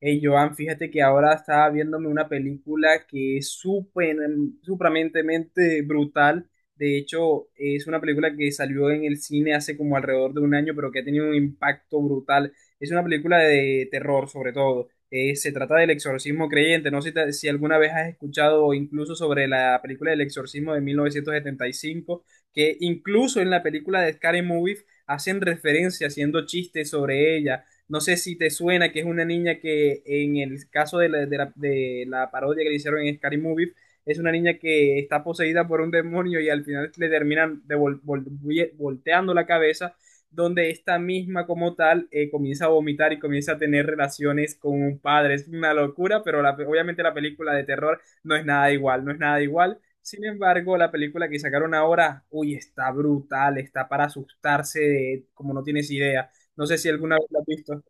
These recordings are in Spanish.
Hey Joan, fíjate que ahora estaba viéndome una película que es supramentemente brutal. De hecho, es una película que salió en el cine hace como alrededor de un año, pero que ha tenido un impacto brutal. Es una película de terror, sobre todo. Se trata del exorcismo creyente. No sé si alguna vez has escuchado incluso sobre la película del exorcismo de 1975, que incluso en la película de Scary Movie hacen referencia haciendo chistes sobre ella. No sé si te suena que es una niña que en el caso de la parodia que le hicieron en Scary Movie, es una niña que está poseída por un demonio y al final le terminan volteando la cabeza, donde esta misma como tal comienza a vomitar y comienza a tener relaciones con un padre. Es una locura, pero obviamente la película de terror no es nada igual, no es nada igual. Sin embargo, la película que sacaron ahora, uy, está brutal, está para asustarse de, como no tienes idea. No sé si alguna vez la has visto.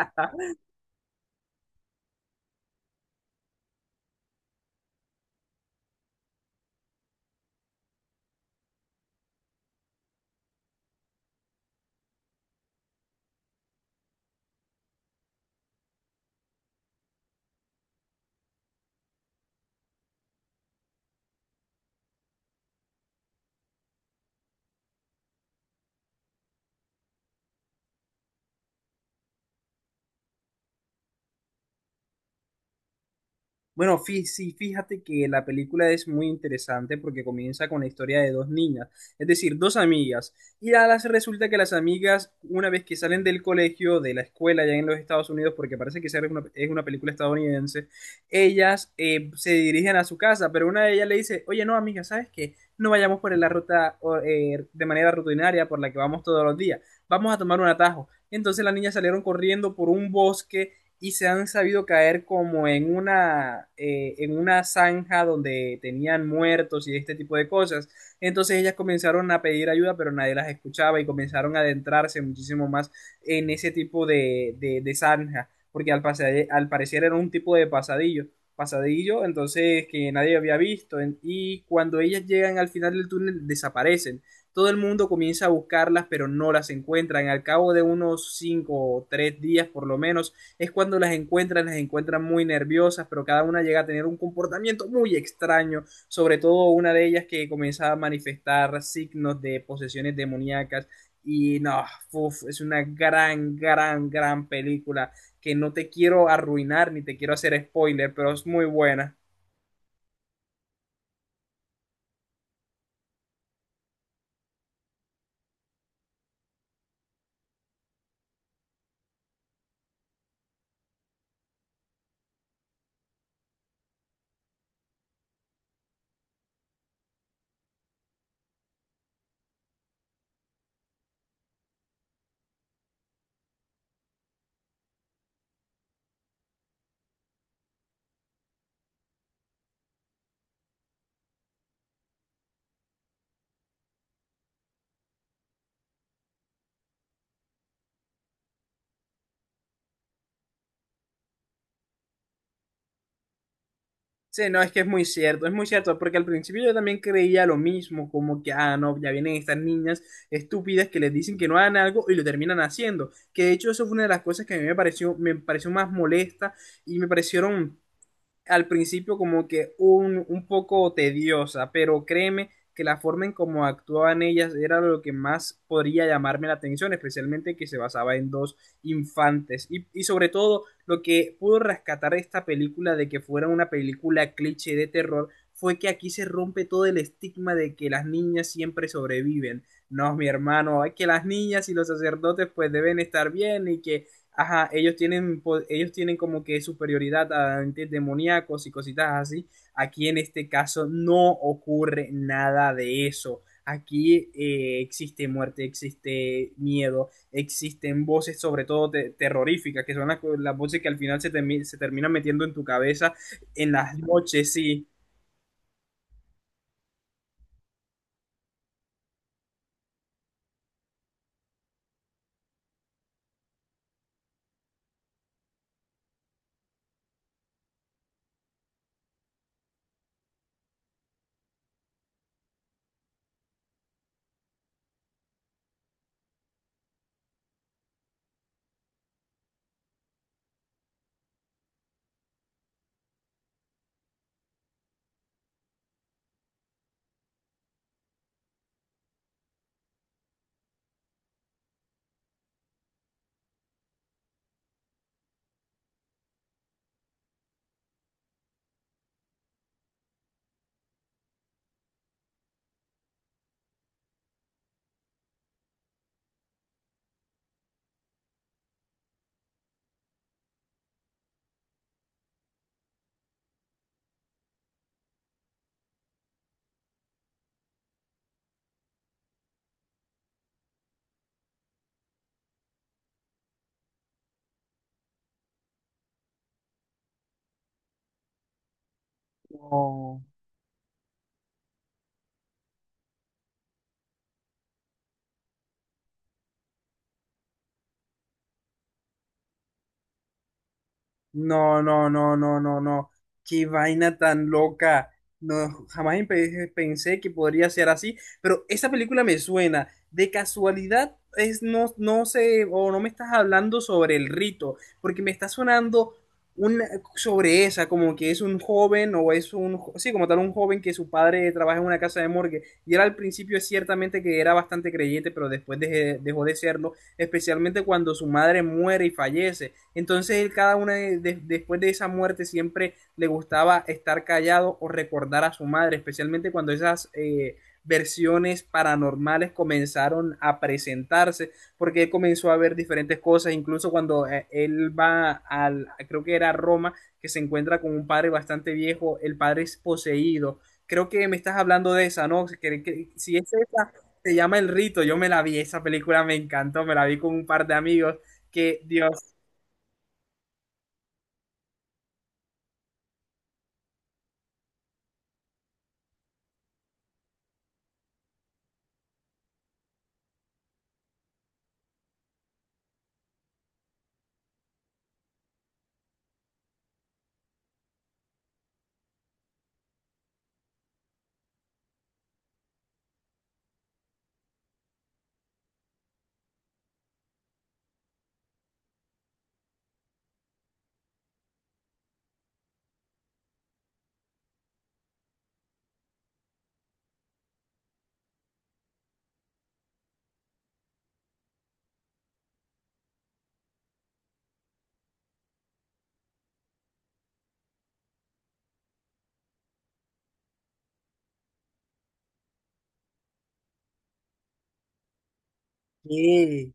Ah, bueno, sí, fíjate que la película es muy interesante porque comienza con la historia de dos niñas, es decir, dos amigas. Y a las resulta que las amigas, una vez que salen del colegio, de la escuela ya en los Estados Unidos, porque parece que esa es una película estadounidense, ellas se dirigen a su casa, pero una de ellas le dice, oye, no, amiga, ¿sabes qué? No vayamos por la ruta o, de manera rutinaria por la que vamos todos los días, vamos a tomar un atajo. Entonces las niñas salieron corriendo por un bosque y se han sabido caer como en una zanja donde tenían muertos y este tipo de cosas. Entonces ellas comenzaron a pedir ayuda, pero nadie las escuchaba y comenzaron a adentrarse muchísimo más en ese tipo de zanja, porque al parecer era un tipo de pasadillo, entonces que nadie había visto. Y cuando ellas llegan al final del túnel, desaparecen. Todo el mundo comienza a buscarlas, pero no las encuentran. Al cabo de unos cinco o tres días, por lo menos, es cuando las encuentran muy nerviosas, pero cada una llega a tener un comportamiento muy extraño, sobre todo una de ellas que comienza a manifestar signos de posesiones demoníacas. Y no, uf, es una gran, gran, gran película que no te quiero arruinar ni te quiero hacer spoiler, pero es muy buena. Sí, no, es que es muy cierto, porque al principio yo también creía lo mismo, como que, ah, no, ya vienen estas niñas estúpidas que les dicen que no hagan algo y lo terminan haciendo. Que de hecho eso fue una de las cosas que a mí me pareció más molesta y me parecieron al principio como que un poco tediosa, pero créeme que la forma en cómo actuaban ellas era lo que más podría llamarme la atención, especialmente que se basaba en dos infantes. Y sobre todo, lo que pudo rescatar esta película de que fuera una película cliché de terror fue que aquí se rompe todo el estigma de que las niñas siempre sobreviven. No, mi hermano, es que las niñas y los sacerdotes pues deben estar bien. Y que ajá, ellos tienen como que superioridad a entes demoníacos y cositas así. Aquí en este caso no ocurre nada de eso. Aquí existe muerte, existe miedo, existen voces, sobre todo terroríficas, que son las voces que al final se terminan metiendo en tu cabeza en las noches, sí. No. No, no, no, no, no, no. Qué vaina tan loca. No, jamás pensé que podría ser así, pero esa película me suena. De casualidad es no, no sé, o no me estás hablando sobre El Rito, porque me está sonando una, sobre esa, como que es un joven, o es un, sí, como tal, un joven que su padre trabaja en una casa de morgue, y él al principio es ciertamente que era bastante creyente, pero después dejó de serlo, especialmente cuando su madre muere y fallece. Entonces él cada una después de esa muerte siempre le gustaba estar callado o recordar a su madre, especialmente cuando esas versiones paranormales comenzaron a presentarse, porque él comenzó a ver diferentes cosas, incluso cuando él va creo que era Roma, que se encuentra con un padre bastante viejo, el padre es poseído. Creo que me estás hablando de esa, ¿no? Si es esa, se llama El Rito. Yo me la vi, esa película me encantó, me la vi con un par de amigos, que Dios mío.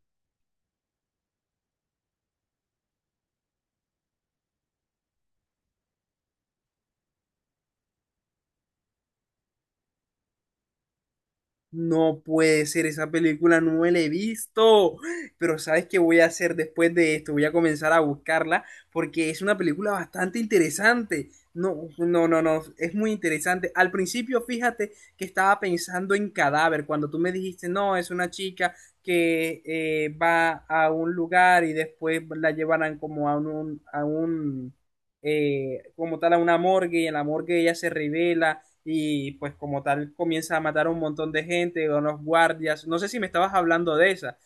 No puede ser, esa película no me la he visto. Pero ¿sabes qué voy a hacer después de esto? Voy a comenzar a buscarla porque es una película bastante interesante. No, no, no, no, es muy interesante. Al principio, fíjate que estaba pensando en Cadáver, cuando tú me dijiste, no, es una chica que va a un lugar y después la llevarán como a un, a un, como tal, a una morgue y en la morgue ella se revela y pues como tal comienza a matar a un montón de gente, a unos guardias. No sé si me estabas hablando de esa,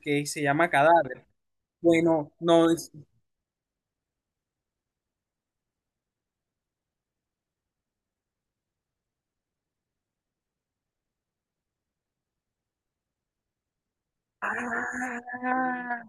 que se llama Cadáver. Bueno, no es... ¡Ah!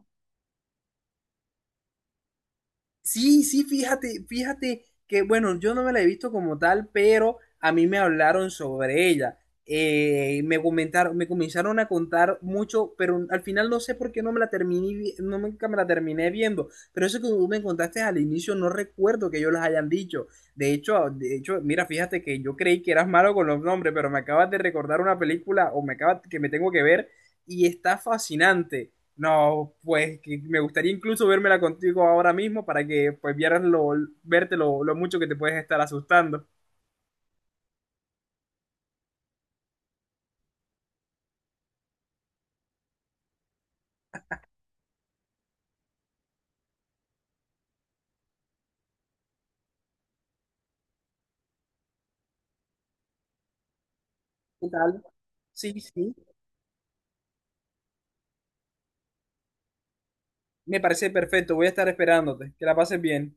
Sí, sí, fíjate, fíjate que, bueno, yo no me la he visto como tal, pero a mí me hablaron sobre ella. Me comenzaron a contar mucho, pero al final no sé por qué no me la no, nunca me la terminé viendo. Pero eso que tú me contaste al inicio, no recuerdo que yo los hayan dicho. De hecho, mira, fíjate que yo creí que eras malo con los nombres, pero me acabas de recordar una película o me acabas que me tengo que ver y está fascinante. No, pues que me gustaría incluso vérmela contigo ahora mismo para que pues vieras lo, verte lo mucho que te puedes estar asustando. ¿Qué tal? Sí, sí, me parece perfecto. Voy a estar esperándote. Que la pases bien.